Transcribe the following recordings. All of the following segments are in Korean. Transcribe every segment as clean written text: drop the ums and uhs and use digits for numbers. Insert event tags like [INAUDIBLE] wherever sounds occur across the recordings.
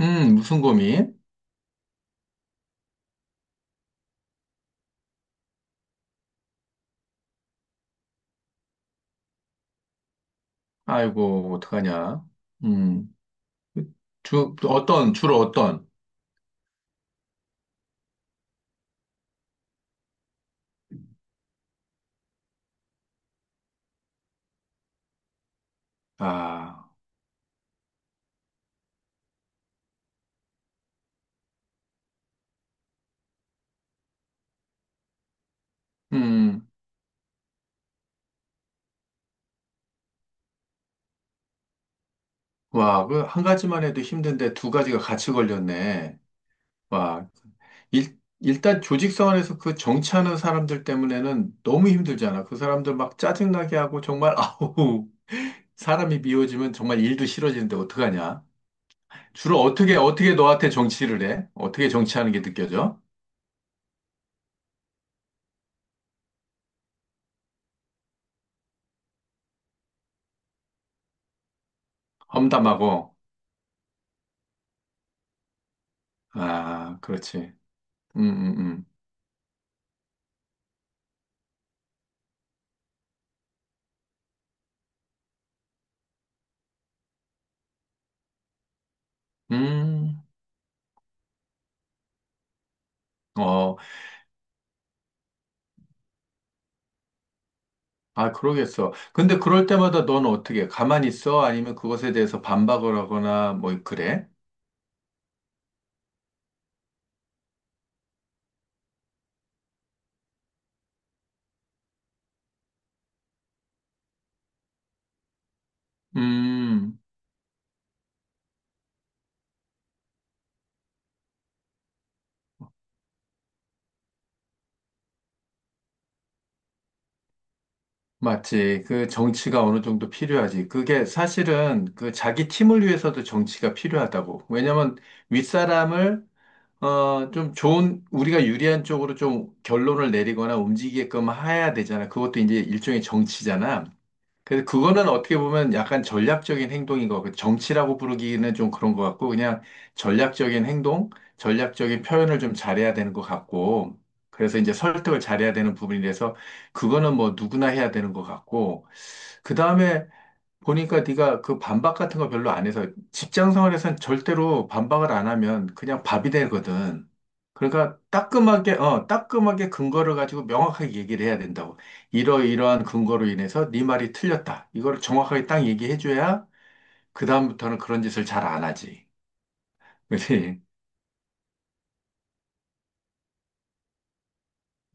무슨 고민? 아이고, 어떡하냐. 음. 주로 어떤? 아. 음. 와, 한 가지만 해도 힘든데 두 가지가 같이 걸렸네. 와. 일단 조직 생활에서 그 정치하는 사람들 때문에는 너무 힘들잖아. 그 사람들 막 짜증나게 하고 정말, [LAUGHS] 아우, 사람이 미워지면 정말 일도 싫어지는데 어떡하냐. 주로 어떻게 너한테 정치를 해? 어떻게 정치하는 게 느껴져? 험담하고. 아, 그렇지. 음, 음, 음. 음, 어, 그러겠어. 근데 그럴 때마다 넌 어떻게, 해? 가만히 있어? 아니면 그것에 대해서 반박을 하거나, 뭐, 그래? 음. 맞지. 그 정치가 어느 정도 필요하지. 그게 사실은 그 자기 팀을 위해서도 정치가 필요하다고. 왜냐면 윗사람을, 좀 좋은, 우리가 유리한 쪽으로 좀 결론을 내리거나 움직이게끔 해야 되잖아. 그것도 이제 일종의 정치잖아. 그래서 그거는 어떻게 보면 약간 전략적인 행동인 거, 정치라고 부르기는 좀 그런 것 같고, 그냥 전략적인 행동, 전략적인 표현을 좀 잘해야 되는 것 같고, 그래서 이제 설득을 잘해야 되는 부분이 돼서, 그거는 뭐 누구나 해야 되는 것 같고, 그 다음에 보니까 네가 그 반박 같은 거 별로 안 해서 직장 생활에선 절대로 반박을 안 하면 그냥 밥이 되거든. 그러니까 따끔하게 근거를 가지고 명확하게 얘기를 해야 된다고. 이러이러한 근거로 인해서 네 말이 틀렸다. 이걸 정확하게 딱 얘기해 줘야 그다음부터는 그런 짓을 잘 안 하지. 그렇지?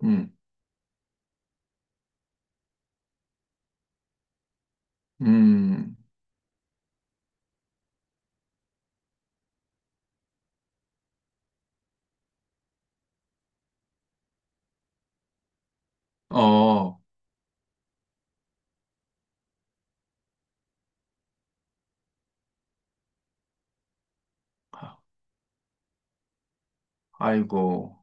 음. 음. 어. 아이고.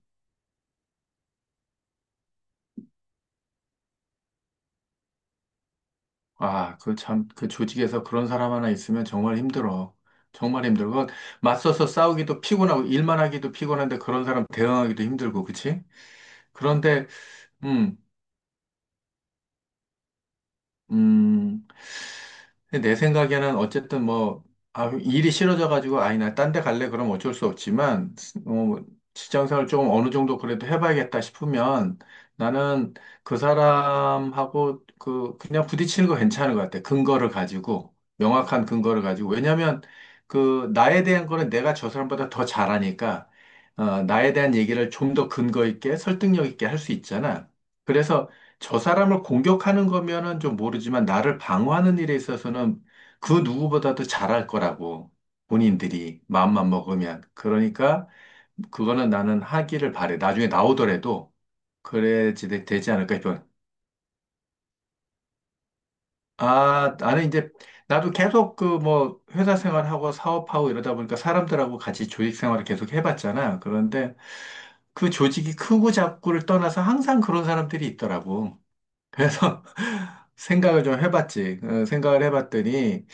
아, 그 참, 그 조직에서 그런 사람 하나 있으면 정말 힘들어. 정말 힘들어. 그거 맞서서 싸우기도 피곤하고, 일만 하기도 피곤한데 그런 사람 대응하기도 힘들고, 그치? 그런데, 음, 음, 근데 내 생각에는 어쨌든 뭐, 아, 일이 싫어져가지고, 아이, 나 딴 데 갈래? 그럼 어쩔 수 없지만, 어, 직장생활 조금 어느 정도 그래도 해봐야겠다 싶으면 나는 그 사람하고 그냥 부딪히는 거 괜찮은 것 같아. 근거를 가지고, 명확한 근거를 가지고. 왜냐면 나에 대한 거는 내가 저 사람보다 더 잘하니까, 나에 대한 얘기를 좀 더 근거 있게 설득력 있게 할 수 있잖아. 그래서 저 사람을 공격하는 거면은 좀 모르지만 나를 방어하는 일에 있어서는 그 누구보다도 잘할 거라고 본인들이 마음만 먹으면 그러니까 그거는 나는 하기를 바래 나중에 나오더라도 그래야지 되지 않을까 싶어요. 나는 이제 나도 계속 그 뭐 회사 생활하고 사업하고 이러다 보니까 사람들하고 같이 조직 생활을 계속 해봤잖아. 그런데 그 조직이 크고 작고를 떠나서 항상 그런 사람들이 있더라고. 그래서 [LAUGHS] 생각을 좀 해봤지. 생각을 해봤더니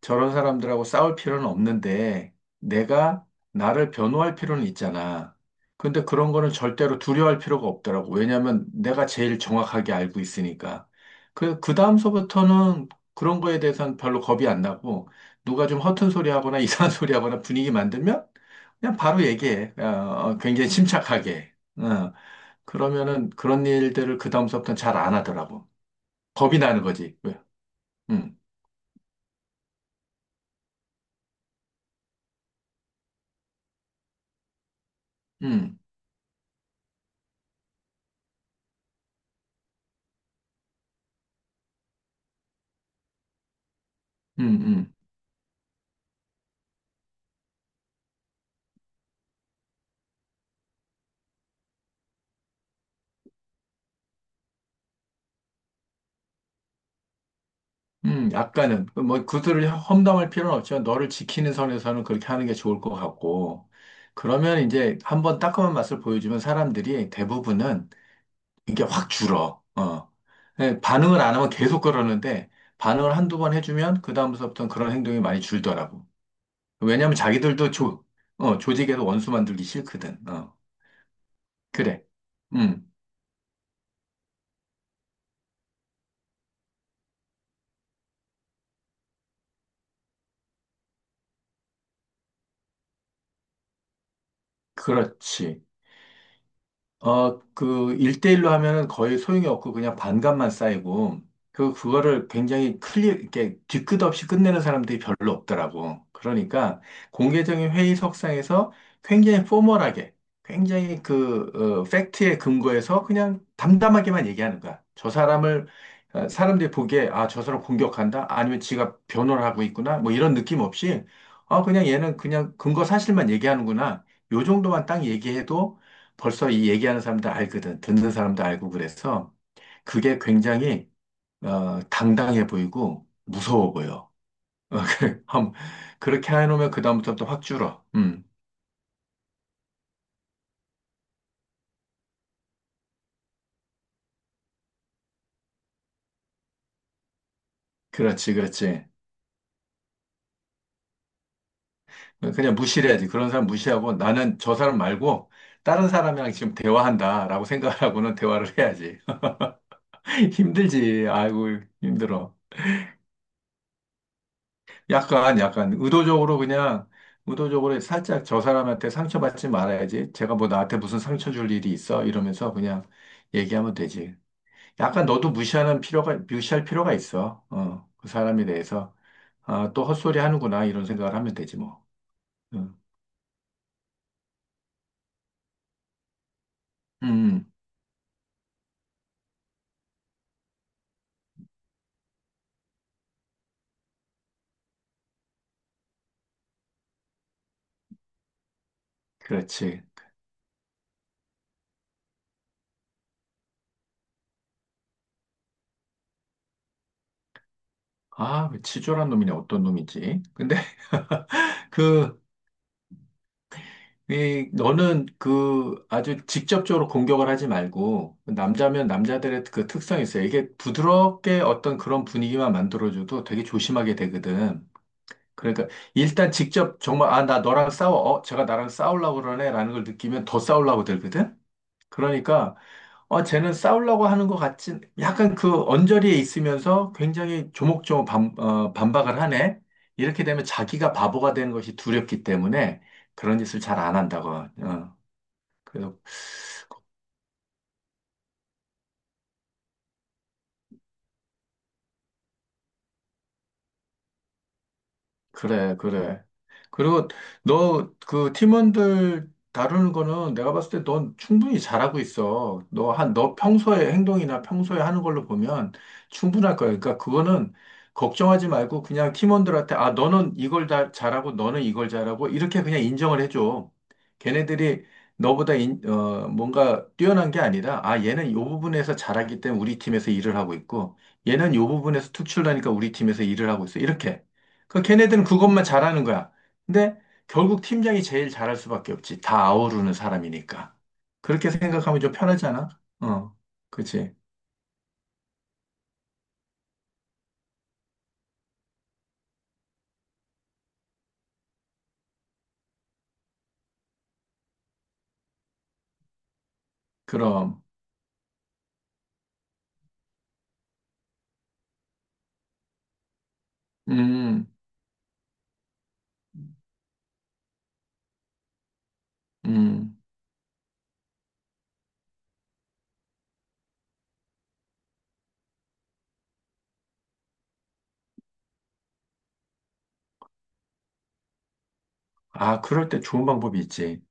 저런 사람들하고 싸울 필요는 없는데 내가 나를 변호할 필요는 있잖아. 근데 그런 거는 절대로 두려워할 필요가 없더라고. 왜냐면 내가 제일 정확하게 알고 있으니까. 그 다음서부터는 그런 거에 대해서는 별로 겁이 안 나고 누가 좀 허튼 소리 하거나 [LAUGHS] 이상한 소리 하거나 분위기 만들면 그냥 바로 얘기해. 굉장히 침착하게. 어, 그러면은 그런 일들을 그 다음서부터는 잘 안 하더라고. 겁이 나는 거지. 왜? 음, 음, 음, 음, 약간은. 그뭐 그들을 험담할 필요는 없지만 너를 지키는 선에서는 그렇게 하는 게 좋을 것 같고. 그러면 이제 한번 따끔한 맛을 보여주면 사람들이 대부분은 이게 확 줄어. 어. 네, 반응을 안 하면 계속 그러는데 반응을 한두 번 해주면 그다음부터는 그런 행동이 많이 줄더라고. 왜냐면 자기들도 조직에서 원수 만들기 싫거든. 어. 그래. 음. 그렇지. 일대일로 하면은 거의 소용이 없고 그냥 반감만 쌓이고, 그거를 굉장히 클리어, 이렇게 뒤끝없이 끝내는 사람들이 별로 없더라고. 그러니까 공개적인 회의석상에서 굉장히 포멀하게, 굉장히 팩트에 근거해서 그냥 담담하게만 얘기하는 거야. 저 사람을, 사람들이 보기에, 아, 저 사람 공격한다? 아니면 지가 변호를 하고 있구나? 뭐 이런 느낌 없이, 아, 그냥 얘는 그냥 근거 사실만 얘기하는구나. 요 정도만 딱 얘기해도 벌써 이 얘기하는 사람도 알거든. 듣는 사람도 알고 그래서 그게 굉장히 당당해 보이고 무서워 보여. [LAUGHS] 그래. 그렇게 해놓으면 그다음부터 또 확 줄어. 음. 그렇지, 그렇지. 그냥 무시해야지. 그런 사람 무시하고 나는 저 사람 말고 다른 사람이랑 지금 대화한다라고 생각하고는 대화를 해야지. [LAUGHS] 힘들지. 아이고, 힘들어. 약간, 의도적으로 그냥, 의도적으로 살짝 저 사람한테 상처받지 말아야지. 제가 뭐 나한테 무슨 상처 줄 일이 있어? 이러면서 그냥 얘기하면 되지. 약간 너도 무시하는 필요가, 무시할 필요가 있어. 그 사람에 대해서. 아, 또 헛소리 하는구나. 이런 생각을 하면 되지 뭐. 응. 음, 음. 그렇지. 아, 그 치졸한 놈이네. 어떤 놈이지? 근데 [LAUGHS] 그, 너는 그 아주 직접적으로 공격을 하지 말고, 남자면 남자들의 그 특성이 있어요. 이게 부드럽게 어떤 그런 분위기만 만들어줘도 되게 조심하게 되거든. 그러니까 일단 직접 정말, 아, 나 너랑 싸워. 제가 나랑 싸우려고 그러네. 라는 걸 느끼면 더 싸우려고 들거든. 그러니까, 쟤는 싸우려고 하는 것 같진, 약간 그 언저리에 있으면서 굉장히 조목조목 반박을 하네. 이렇게 되면 자기가 바보가 되는 것이 두렵기 때문에 그런 짓을 잘 안 한다고. 어. 그래서. 그래, 그래. 그리고 너 그 팀원들 다루는 거는 내가 봤을 때 넌 충분히 잘하고 있어. 너 평소에 행동이나 평소에 하는 걸로 보면 충분할 거야. 그러니까 그거는 걱정하지 말고 그냥 팀원들한테 아, 너는 이걸 다 잘하고 너는 이걸 잘하고 이렇게 그냥 인정을 해줘. 걔네들이 너보다 뭔가 뛰어난 게 아니라 아, 얘는 요 부분에서 잘하기 때문에 우리 팀에서 일을 하고 있고 얘는 요 부분에서 특출나니까 우리 팀에서 일을 하고 있어. 이렇게. 그 걔네들은 그것만 잘하는 거야. 근데 결국 팀장이 제일 잘할 수밖에 없지. 다 아우르는 사람이니까. 그렇게 생각하면 좀 편하잖아. 어. 그치. 그럼. 음. 음. 아, 그럴 때 좋은 방법이 있지.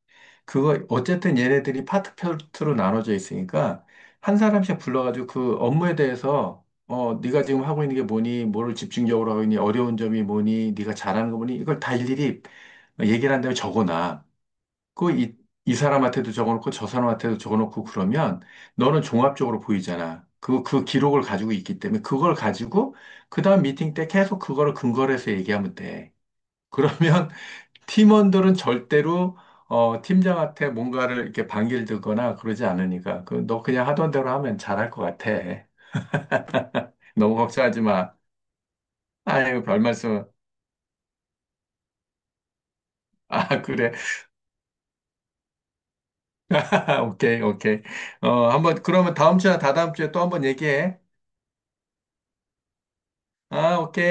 그거, 어쨌든 얘네들이 파트별로 나눠져 있으니까, 한 사람씩 불러가지고 그 업무에 대해서, 네가 지금 하고 있는 게 뭐니, 뭐를 집중적으로 하고 있니, 어려운 점이 뭐니, 네가 잘하는 거 뭐니, 이걸 다 일일이 얘기를 한 다음에 적어놔. 그 이 사람한테도 적어놓고 저 사람한테도 적어놓고 그러면 너는 종합적으로 보이잖아. 그 기록을 가지고 있기 때문에 그걸 가지고 그 다음 미팅 때 계속 그거를 근거로 해서 얘기하면 돼. 그러면 [LAUGHS] 팀원들은 절대로 팀장한테 뭔가를 이렇게 반길들거나 그러지 않으니까 너 그냥 하던 대로 하면 잘할 것 같아. 너무 걱정하지 마. 아유, 별 말씀. 아, 그래. [LAUGHS] 오케이, 오케이. 한번 그러면 다음 주나 다다음 주에 또 한번 얘기해. 아, 오케이.